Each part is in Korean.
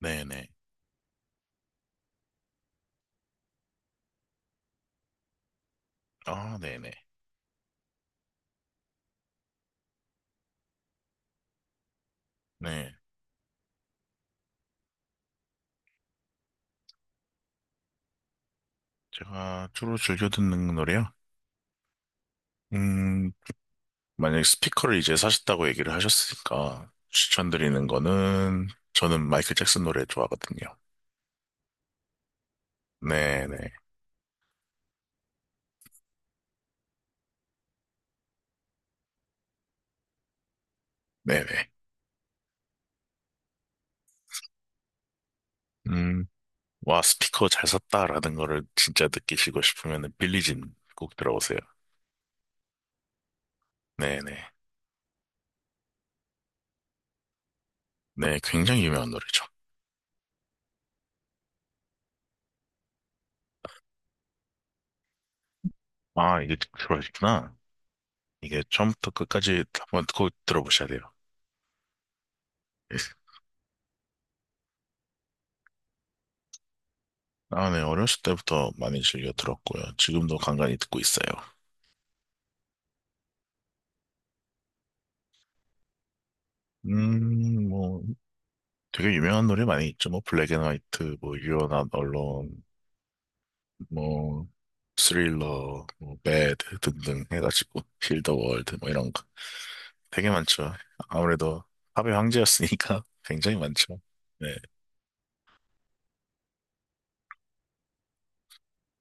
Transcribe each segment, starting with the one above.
네네. 아, 네네. 네. 제가 주로 즐겨 듣는 노래요? 음, 만약에 스피커를 이제 사셨다고 얘기를 하셨으니까 추천드리는 거는 저는 마이클 잭슨 노래 좋아하거든요. 네네. 네네. 음, 와, 스피커 잘 샀다라는 거를 진짜 느끼시고 싶으면 빌리진 꼭 들어보세요. 네네. 네, 굉장히 유명한 노래죠. 아, 이게 들어하셨구나. 이게 처음부터 끝까지 한번 꼭 들어보셔야 돼요. 예. 아, 네. 어렸을 때부터 많이 즐겨 들었고요. 지금도 간간히 듣고 있어요. 음, 뭐, 되게 유명한 노래 많이 있죠. 뭐, 블랙 앤 화이트, 뭐, 유연한 언론, 뭐, 스릴러, 뭐, 배드 등등 해가지고, 힐더 월드, 뭐, 이런 거. 되게 많죠. 아무래도 팝의 황제였으니까 굉장히 많죠. 네.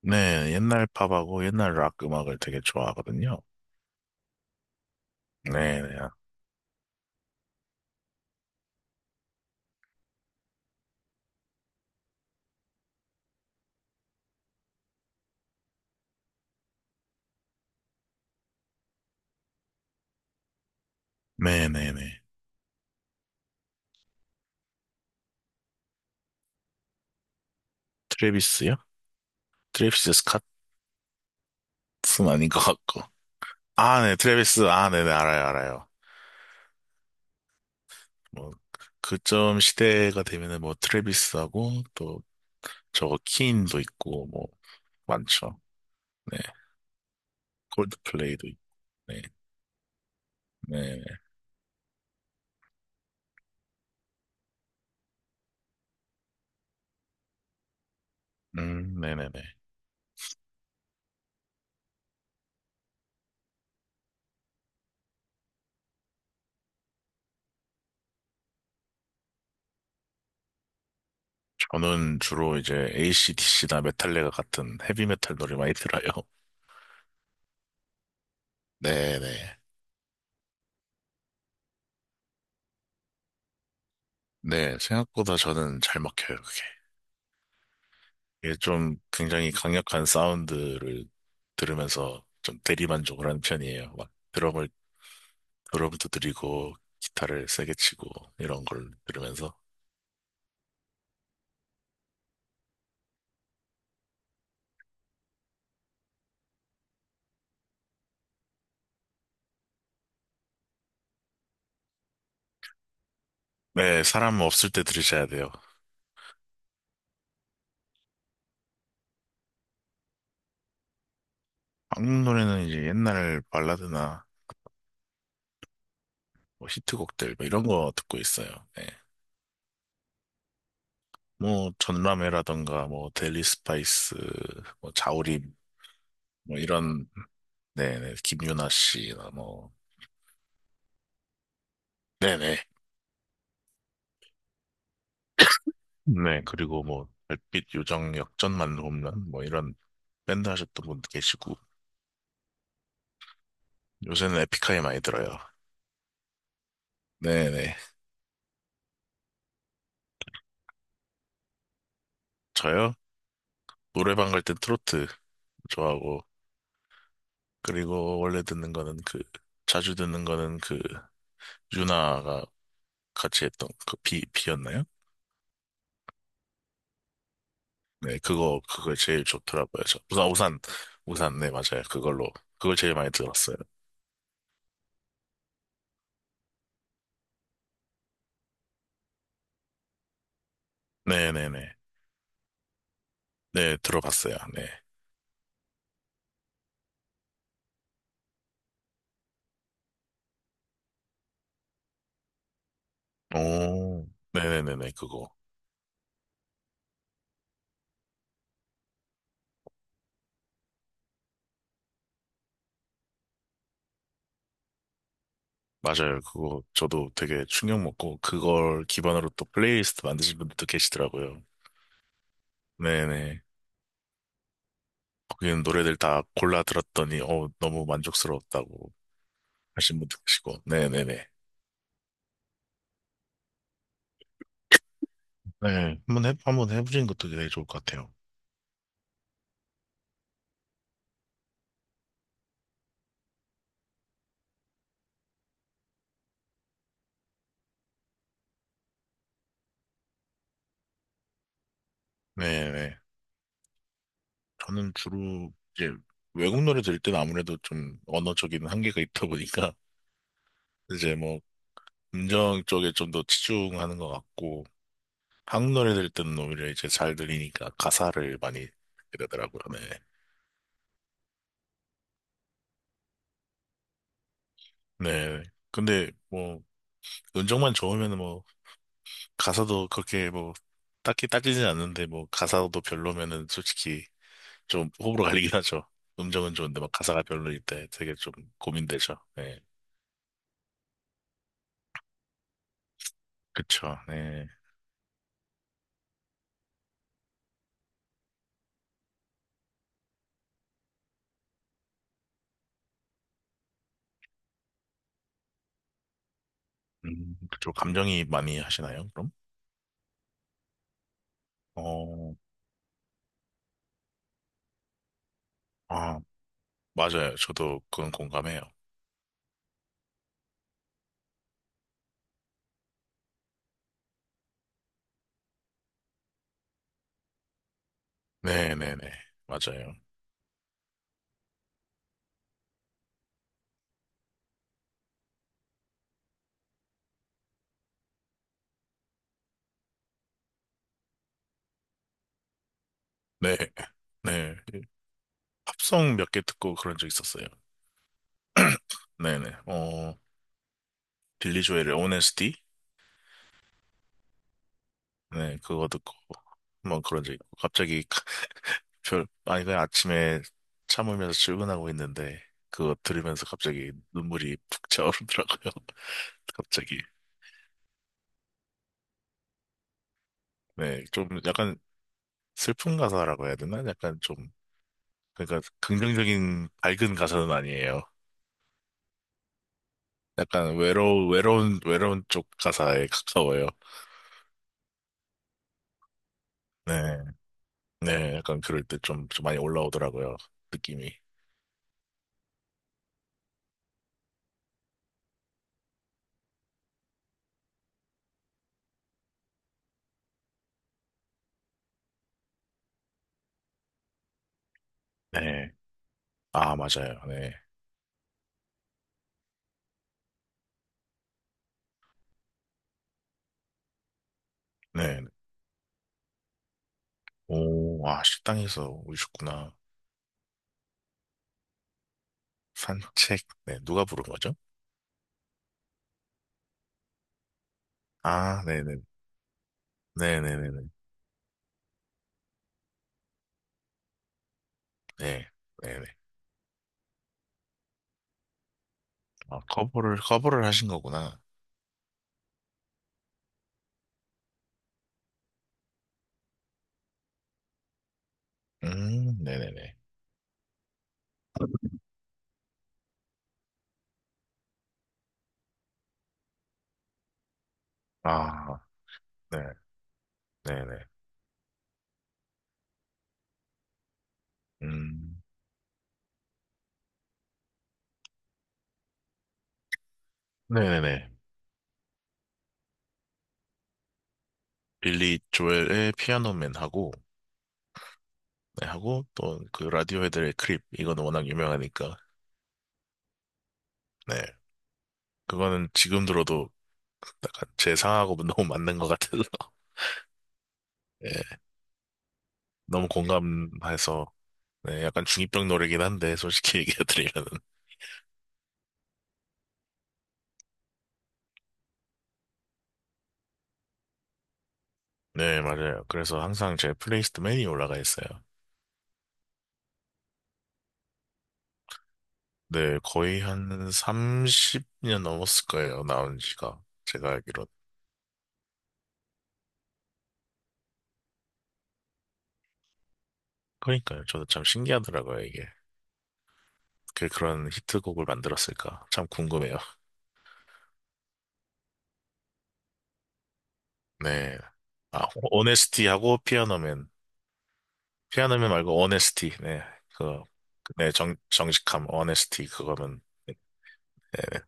네, 옛날 팝하고 옛날 락 음악을 되게 좋아하거든요. 네네. 네네네. 트래비스요? 트래비스 스캇은 아닌 것 같고. 아, 네, 트래비스. 아, 네네, 알아요, 알아요. 뭐, 그쯤 시대가 되면은 뭐, 트래비스하고, 또, 저거, 키인도 있고, 뭐, 많죠. 네, 콜드플레이도 있고, 네, 네, 네네네. 저는 주로 이제 AC/DC나 메탈리카 같은 헤비메탈 노래 많이 들어요. 네네. 네, 생각보다 저는 잘 먹혀요, 그게. 이게 좀 굉장히 강력한 사운드를 들으면서 좀 대리만족을 하는 편이에요. 막, 드럼을 여러분도 드리고 기타를 세게 치고 이런 걸 들으면서. 네, 사람 없을 때 들으셔야 돼요. 한국 노래는 이제 옛날 발라드나 뭐 히트곡들 뭐 이런 거 듣고 있어요. 네. 뭐 전람회라던가 뭐 데일리 스파이스 뭐 자우림 뭐 이런. 네네, 김유나 씨나 뭐. 네네. 네, 그리고 뭐 별빛 요정 역전만 홈런 뭐 이런 밴드 하셨던 분도 계시고, 요새는 에픽하이 많이 들어요. 네네. 저요? 노래방 갈 땐 트로트 좋아하고, 그리고 원래 듣는 거는 그, 자주 듣는 거는 그, 유나가 같이 했던 그 비였나요? 네, 그거 그거 제일 좋더라고요. 저, 우산. 우산. 우산. 네, 맞아요. 그걸로, 그걸 제일 많이 들었어요. 네네네. 네, 들어봤어요. 네. 오, 네네네네, 그거. 맞아요. 그거 저도 되게 충격 먹고, 그걸 기반으로 또 플레이리스트 만드신 분들도 계시더라고요. 네네. 거기는 노래들 다 골라 들었더니, 너무 만족스러웠다고. 하신 분도 계시고. 네네네. 네. 한번 해보시는 것도 되게 좋을 것 같아요. 네네. 저는 주로 이제 외국 노래 들을 때는 아무래도 좀 언어적인 한계가 있다 보니까 이제 뭐 음정 쪽에 좀 더 치중하는 것 같고, 한국 노래 들을 때는 오히려 이제 잘 들리니까 가사를 많이 듣게 되더라고요. 네. 네. 근데 뭐 음정만 좋으면 뭐 가사도 그렇게 뭐 딱히 따지진 않는데, 뭐 가사도 별로면은 솔직히 좀 호불호 갈리긴 하죠. 음정은 좋은데 막 가사가 별로일 때 되게 좀 고민되죠. 네. 그쵸. 네. 그쪽 감정이 많이 하시나요, 그럼? 어, 아, 맞아요. 저도 그건 공감해요. 네네네. 맞아요. 네. 네. 팝송 몇 개 듣고 그런 적 있었어요. 네네. 어, 빌리 조엘의 h o n s t. 네, 그거 듣고 한번 그런 적 있고. 갑자기 아니, 그냥 아침에 참으면서 출근하고 있는데, 그거 들으면서 갑자기 눈물이 푹 차오르더라고요. 갑자기. 네, 좀 약간 슬픈 가사라고 해야 되나? 약간 좀, 그러니까 긍정적인 밝은 가사는 아니에요. 약간 외로운 쪽 가사에 가까워요. 네, 네, 약간 그럴 때 좀, 좀 많이 올라오더라고요. 느낌이. 네. 아, 맞아요. 네. 네. 오, 아, 식당에서 오셨구나. 산책. 네, 누가 부른 거죠? 아, 네네. 네네네네. 네. 네네. 아, 커버를 하신 거구나. 네네네. 아, 네. 네네. 음, 네네네. 빌리 조엘의 피아노맨하고, 네, 하고, 또 그 라디오헤드의 크립. 이거는 워낙 유명하니까. 네. 그거는 지금 들어도 약간 제 상하고 너무 맞는 것 같아서. 예. 너무 공감해서. 네, 약간 중이병 노래긴 한데, 솔직히 얘기해드리면은. 네, 맞아요. 그래서 항상 제 플레이리스트 맨이 올라가 있어요. 네, 거의 한 30년 넘었을 거예요, 나온 지가. 제가 알기로는. 그러니까요, 저도 참 신기하더라고요, 이게. 그런 히트곡을 만들었을까? 참 궁금해요. 네. 아, 오네스티하고 피아노맨. 피아노맨 말고 오네스티. 네. 그, 네, 정직함, 오네스티, 그거는. 네, 네.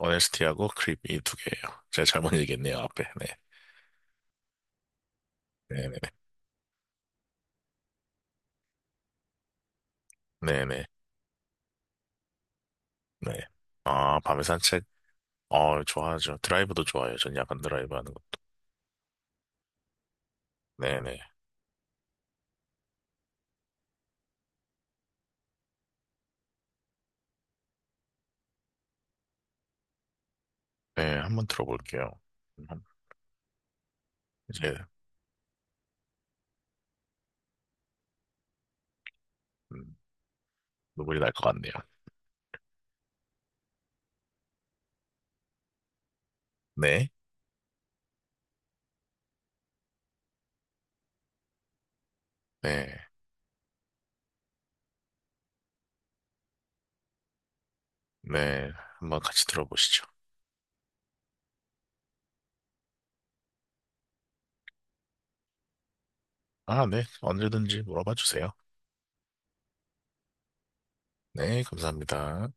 오네스티하고 크립 이 두 개예요. 제가 잘못 얘기했네요, 앞에. 네. 네네네. 네네. 네. 네, 네. 네. 아, 밤에 산책. 어, 좋아하죠. 드라이브도 좋아해요. 전 야간 드라이브 하는 것도. 네네. 네, 한번 들어볼게요. 음, 이제 음, 눈물이 날 것 같네요. 네, 네, 네, 한번 같이 들어보시죠. 아, 네, 언제든지 물어봐 주세요. 네, 감사합니다.